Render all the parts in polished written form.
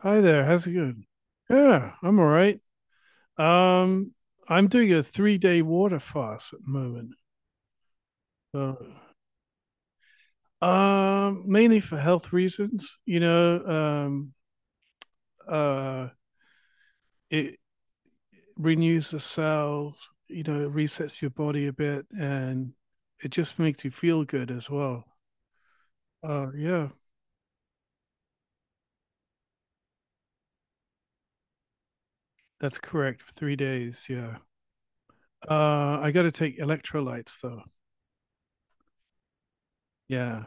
Hi there. How's it going? Yeah, I'm all right. Um, I'm doing a three-day water fast at the moment. Uh, Mainly for health reasons. Uh, it renews the cells. You know, it resets your body a bit, and it just makes you feel good as well. Yeah, that's correct. Three days. Yeah. I got to take electrolytes though. Yeah.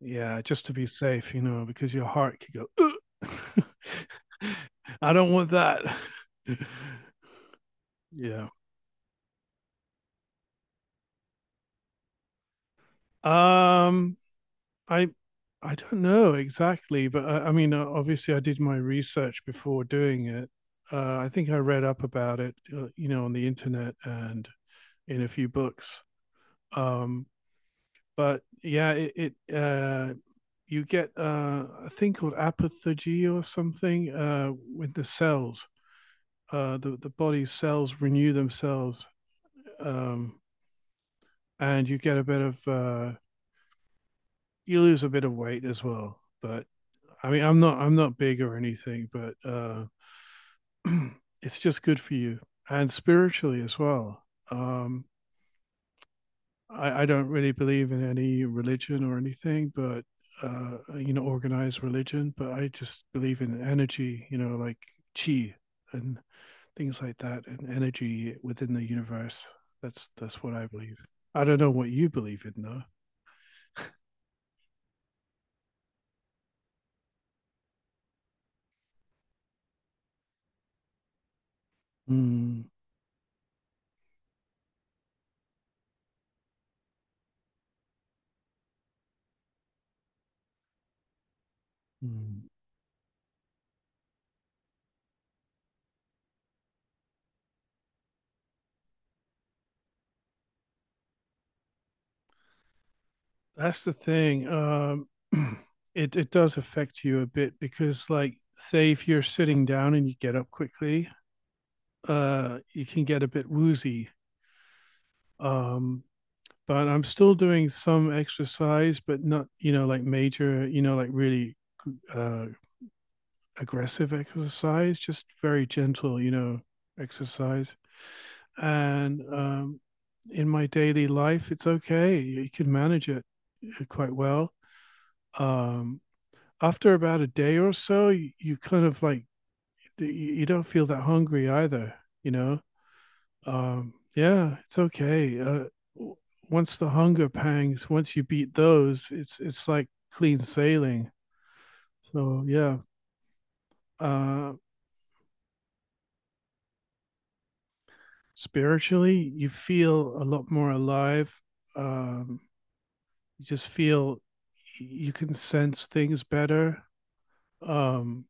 Yeah, just to be safe, you know, because your heart could go. "Ugh." I don't want that. Yeah. Um. I. I don't know exactly, but I mean, obviously, I did my research before doing it. I think I read up about it, you know, on the internet and in a few books. Um. But yeah, it. It you get a thing called apophagy or something, with the cells, the body's cells renew themselves, um, and you get a bit of you lose a bit of weight as well. But I mean, I'm not big or anything, but it's just good for you and spiritually as well. Um, I don't really believe in any religion or anything, but you know, organized religion. But I just believe in energy, you know, like chi and things like that, and energy within the universe. That's what I believe. I don't know what you believe in though. Mm, mm. That's the thing. It does affect you a bit because, like, say if you're sitting down and you get up quickly, you can get a bit woozy. Um, but I'm still doing some exercise, but not, you know, like major, you know, like really uh, aggressive exercise, just very gentle, you know, exercise. And in my daily life, it's okay. You can manage it, quite well. Um, After about a day or so, you kind of like, you don't feel that hungry either, you know? Yeah, it's okay. Once the hunger pangs, once you beat those, it's like clean sailing. So yeah, uh, spiritually, you feel a lot more alive. Um, you just feel you can sense things better. Um,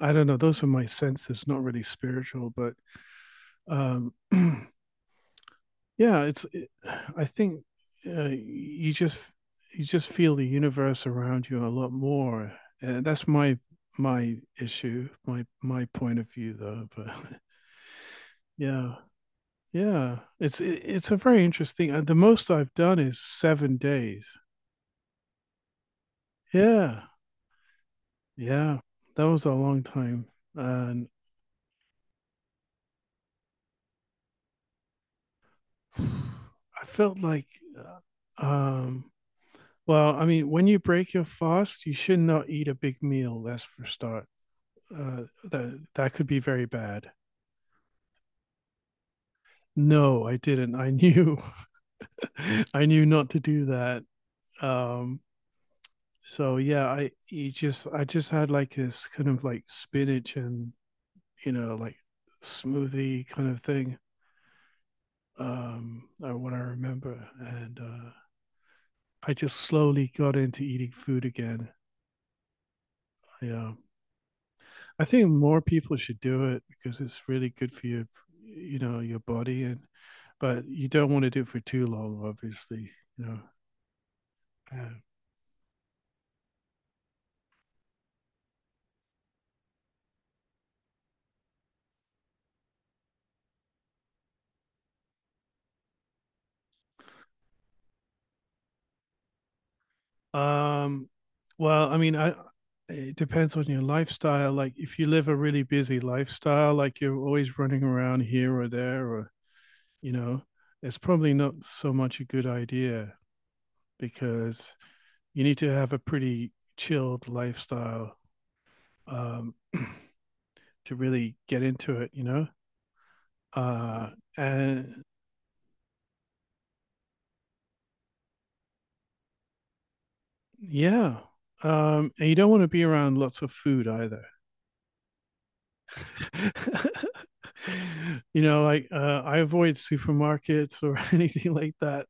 I don't know. Those are my senses, not really spiritual, but um, yeah it's it, I think, uh, you just you just feel the universe around you a lot more, and that's my issue, my point of view though. But yeah it's a very interesting, the most I've done is 7 days. Yeah. Yeah, that was a long time. And I felt like, uh, um well, I mean, when you break your fast, you should not eat a big meal. That's for start. That could be very bad. No, I didn't. I knew, I knew not to do that. Um, so yeah, I just had like this kind of like spinach and, you know, like, smoothie kind of thing. Or what I remember, and I just slowly got into eating food again. Yeah, I think more people should do it because it's really good for your, you know, your body, and but you don't want to do it for too long, obviously. You know. Yeah. Um, well, I mean, I it depends on your lifestyle. Like if you live a really busy lifestyle, like you're always running around here or there, or you know, it's probably not so much a good idea because you need to have a pretty chilled lifestyle, um, to really get into it. You know, uh, and yeah. And you don't want to be around lots of food either. You know, like, I avoid supermarkets or anything like that.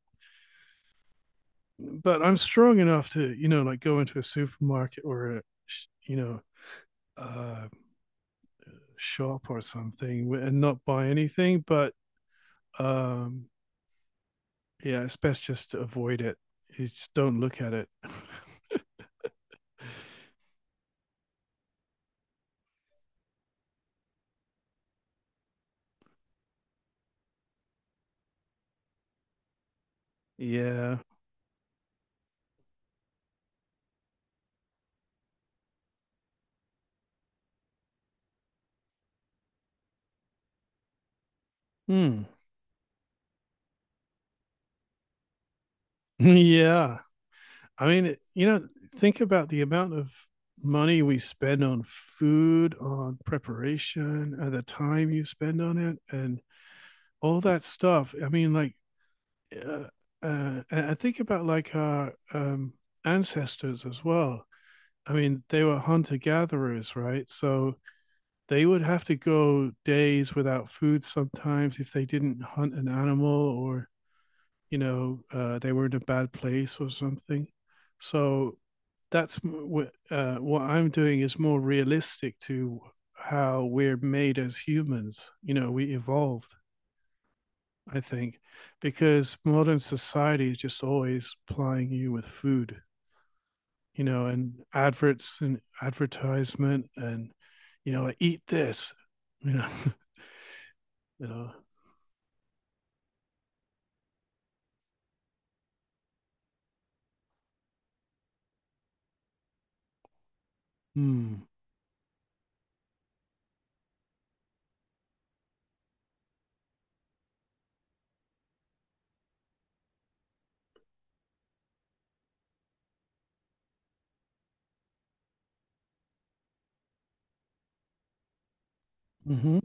But I'm strong enough to, you know, like, go into a supermarket or a, you know, uh, shop or something, and not buy anything. But um, yeah, it's best just to avoid it. You just don't look at it. Yeah. Hmm. Yeah. I mean, you know, think about the amount of money we spend on food, on preparation, and the time you spend on it, and all that stuff. I mean, like, uh, and I think about like our ancestors as well. I mean, they were hunter gatherers, right? So they would have to go days without food sometimes if they didn't hunt an animal or, you know, they were in a bad place or something. So that's what, what I'm doing is more realistic to how we're made as humans. You know, we evolved, I think, because modern society is just always plying you with food. You know, and adverts and advertisement, and you know, like, eat this. You know, you know, mm, mm-hmm.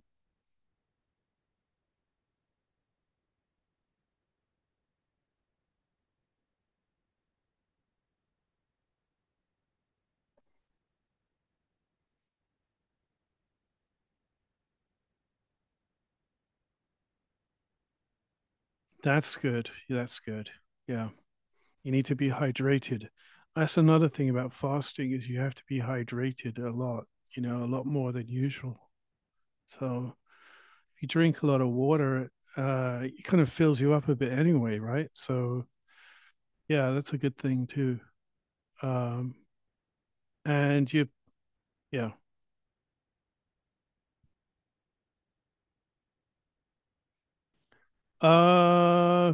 That's good. Yeah, that's good. Yeah. You need to be hydrated. That's another thing about fasting is you have to be hydrated a lot, you know, a lot more than usual. So if you drink a lot of water, it kind of fills you up a bit anyway, right? So yeah, that's a good thing too. Um, and you, yeah. Uh,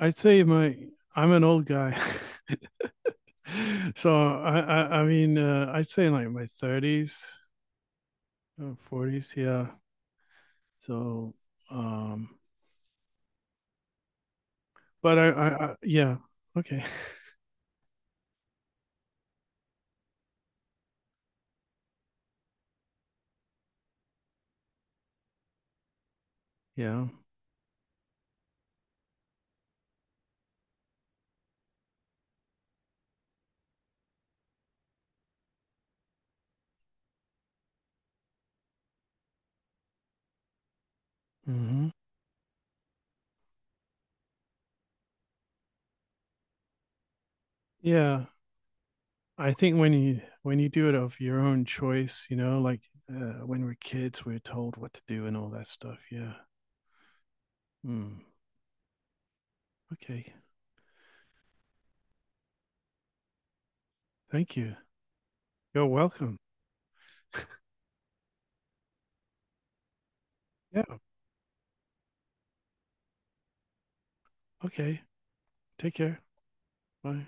I'd say my I'm an old guy, so I mean, I'd say in like my 30s, 40s, yeah. So um, but I yeah, okay, yeah, hmm, yeah. I think when you do it of your own choice, you know, like, when we're kids, we're told what to do and all that stuff. Yeah. Mm. Okay. Thank you. You're welcome. Yeah. Okay. Take care. Bye.